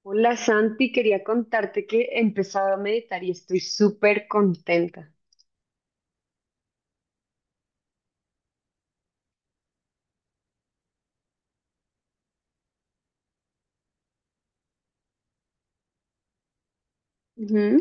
Hola Santi, quería contarte que he empezado a meditar y estoy súper contenta. Ujú.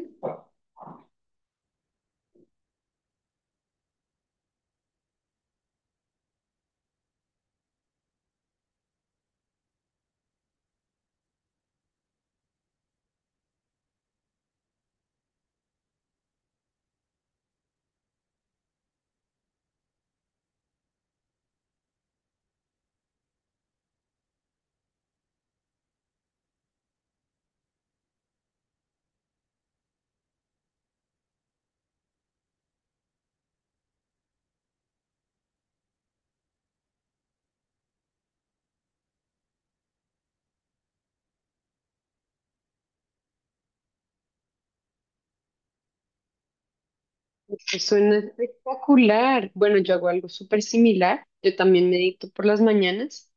Esto suena espectacular. Bueno, yo hago algo súper similar. Yo también medito por las mañanas.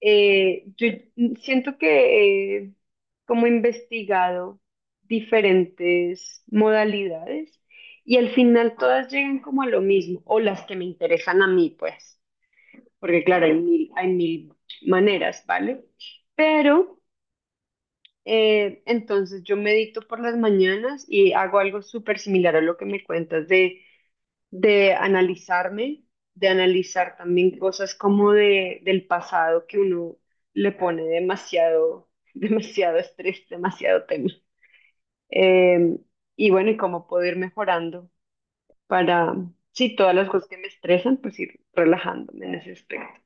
Yo siento que he como investigado diferentes modalidades y al final todas llegan como a lo mismo, o las que me interesan a mí, pues, porque claro, hay mil maneras, ¿vale? Pero. Entonces yo medito por las mañanas y hago algo súper similar a lo que me cuentas de, analizarme, de analizar también cosas como del pasado que uno le pone demasiado, demasiado estrés, demasiado tema. Eh, y bueno, y cómo puedo ir mejorando para, sí, todas las cosas que me estresan, pues ir relajándome en ese aspecto.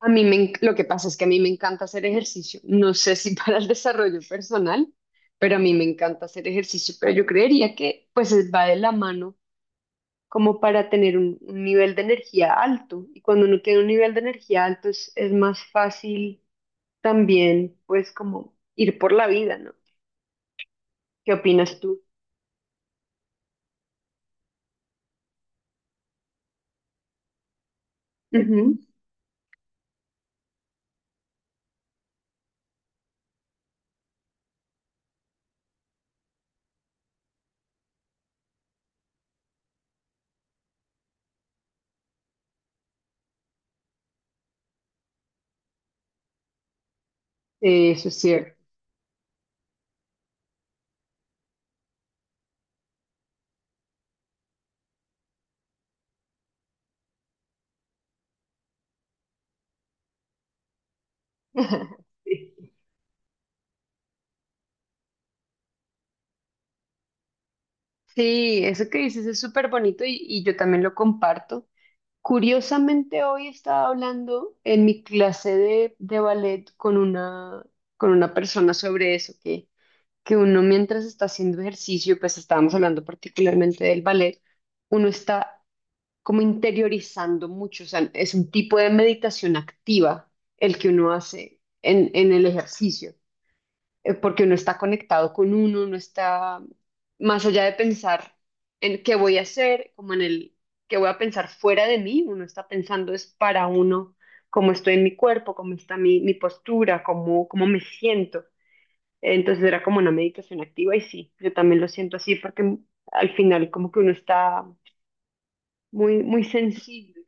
A mí me, en- Lo que pasa es que a mí me encanta hacer ejercicio. No sé si para el desarrollo personal, pero a mí me encanta hacer ejercicio. Pero yo creería que pues va de la mano como para tener un, nivel de energía alto. Y cuando uno tiene un nivel de energía alto es más fácil también pues como ir por la vida, ¿no? ¿Qué opinas tú? Ujú. Sí, eso es cierto. Sí, eso que dices es súper bonito y yo también lo comparto. Curiosamente, hoy estaba hablando en mi clase de, ballet con una persona sobre eso, que uno mientras está haciendo ejercicio, pues estábamos hablando particularmente del ballet, uno está como interiorizando mucho, o sea, es un tipo de meditación activa el que uno hace en, el ejercicio porque uno está conectado con uno está más allá de pensar en qué voy a hacer, como en el qué voy a pensar fuera de mí, uno está pensando es para uno, cómo estoy en mi cuerpo, cómo está mi, postura, cómo me siento. Entonces era como una meditación activa y sí, yo también lo siento así porque al final como que uno está muy, muy sensible.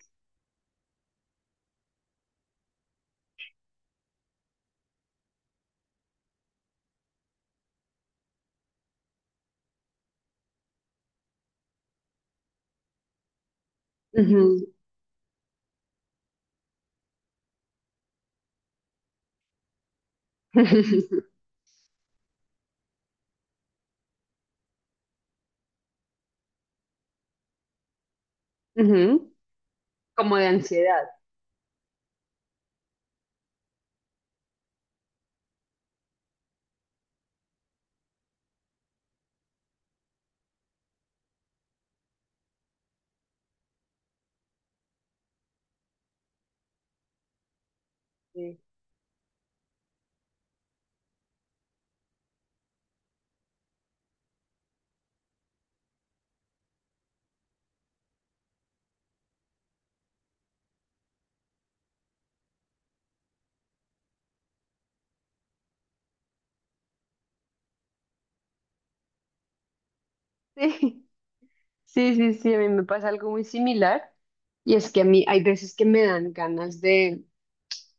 Ujú. Ujú. Como de ansiedad. Sí. Sí. Sí, sí, sí, a mí me pasa algo muy similar y es que a mí hay veces que me dan ganas de,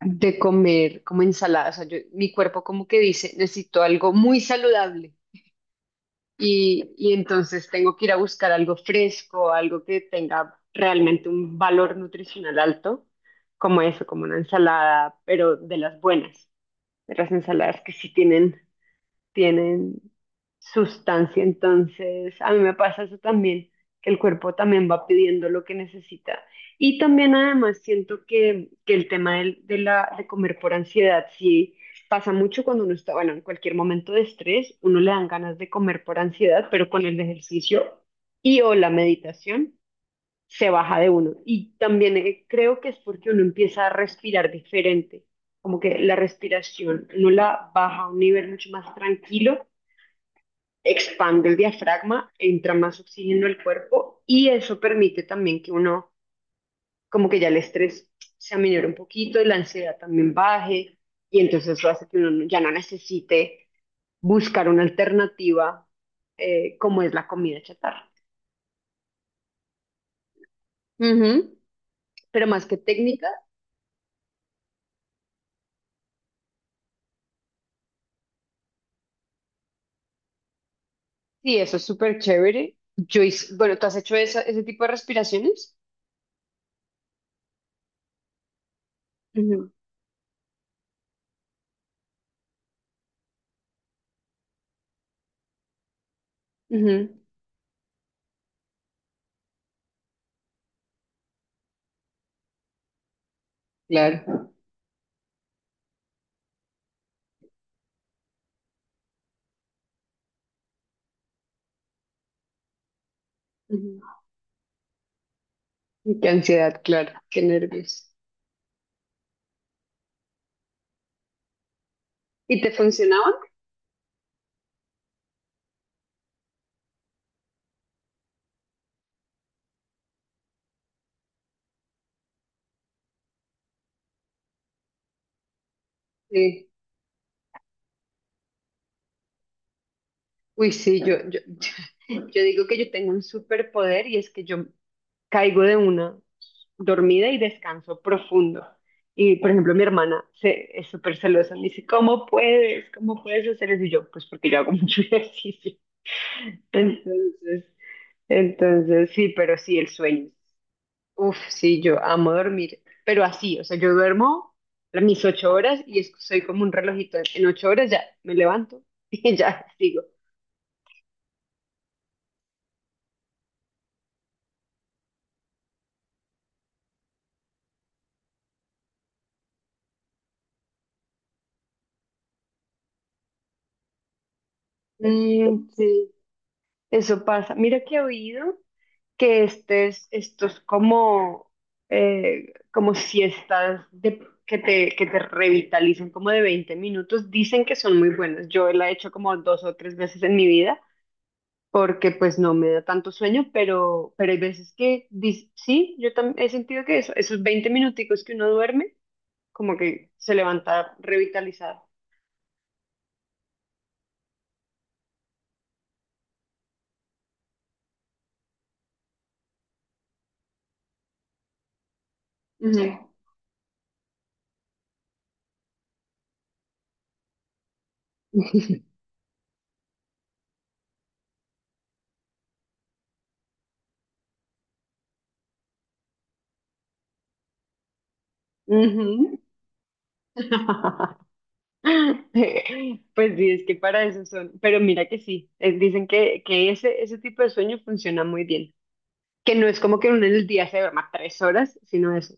de comer como ensalada, o sea, mi cuerpo como que dice, necesito algo muy saludable y entonces tengo que ir a buscar algo fresco, algo que tenga realmente un valor nutricional alto, como eso, como una ensalada, pero de las buenas, de las ensaladas que sí tienen sustancia. Entonces, a mí me pasa eso también, que el cuerpo también va pidiendo lo que necesita. Y también además siento que el tema de comer por ansiedad, sí pasa mucho cuando uno está, bueno, en cualquier momento de estrés, uno le dan ganas de comer por ansiedad, pero con el ejercicio o la meditación se baja de uno. Y también creo que es porque uno empieza a respirar diferente como que la respiración, uno la baja a un nivel mucho más tranquilo expande el diafragma, entra más oxígeno al cuerpo y eso permite también que uno, como que ya el estrés se aminore un poquito y la ansiedad también baje y entonces eso hace que uno ya no necesite buscar una alternativa como es la comida chatarra. Ujú. Pero más que técnica, sí, eso es súper chévere. Bueno, ¿tú has hecho ese tipo de respiraciones? Ujú. Ujú. Claro. Ujú. Qué ansiedad, claro. Qué nervios. ¿Y te funcionaban? Sí. Uy, sí, yo digo que yo tengo un superpoder y es que yo caigo de una dormida y descanso profundo. Y, por ejemplo, mi hermana es súper celosa. Me dice, ¿cómo puedes? ¿Cómo puedes hacer eso? Y yo, pues porque yo hago mucho ejercicio. Entonces, entonces sí, pero sí, el sueño. Uf, sí, yo amo dormir. Pero así, o sea, yo duermo mis 8 horas y soy como un relojito. En 8 horas ya me levanto y ya sigo. Mm, sí. Eso pasa. Mira que he oído que estos como, como siestas que te revitalizan como de 20 minutos, dicen que son muy buenas. Yo la he hecho como 2 o 3 veces en mi vida porque pues no me da tanto sueño, pero hay veces que sí, he sentido que eso, esos 20 minuticos que uno duerme, como que se levanta revitalizado. Ujú. Ujú. Pues sí, es que para eso son. Pero mira que sí, dicen que, ese tipo de sueño funciona muy bien. Que no es como que uno en el día se duerma 3 horas, sino eso,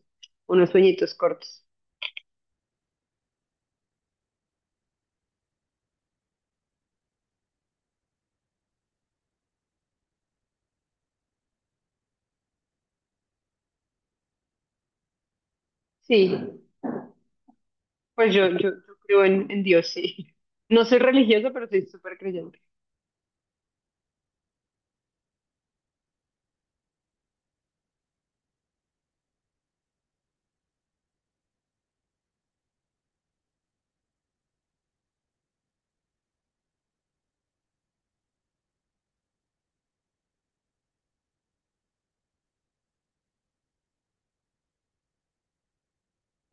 unos sueñitos cortos. Sí, pues yo creo en Dios, sí. No soy religiosa, pero soy súper creyente.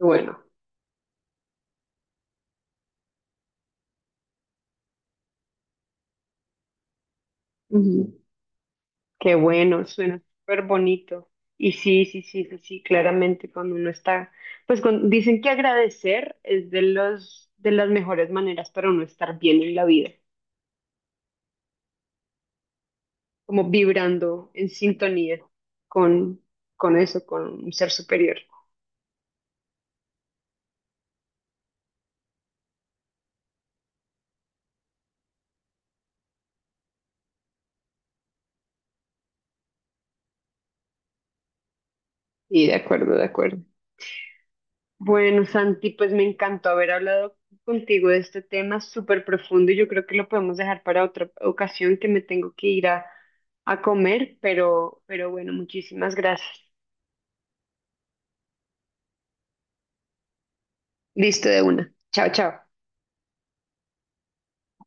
Bueno. Qué bueno, suena súper bonito. Y sí, sí, sí, sí, sí, claramente cuando uno está, pues dicen que agradecer es de las mejores maneras para uno estar bien en la vida, como vibrando en sintonía con, con eso, con un ser superior. Y de acuerdo, de acuerdo. Bueno, Santi, pues me encantó haber hablado contigo de este tema súper profundo y yo creo que lo podemos dejar para otra ocasión que me tengo que ir a, comer, pero bueno, muchísimas gracias. Listo de una. Chao, chao.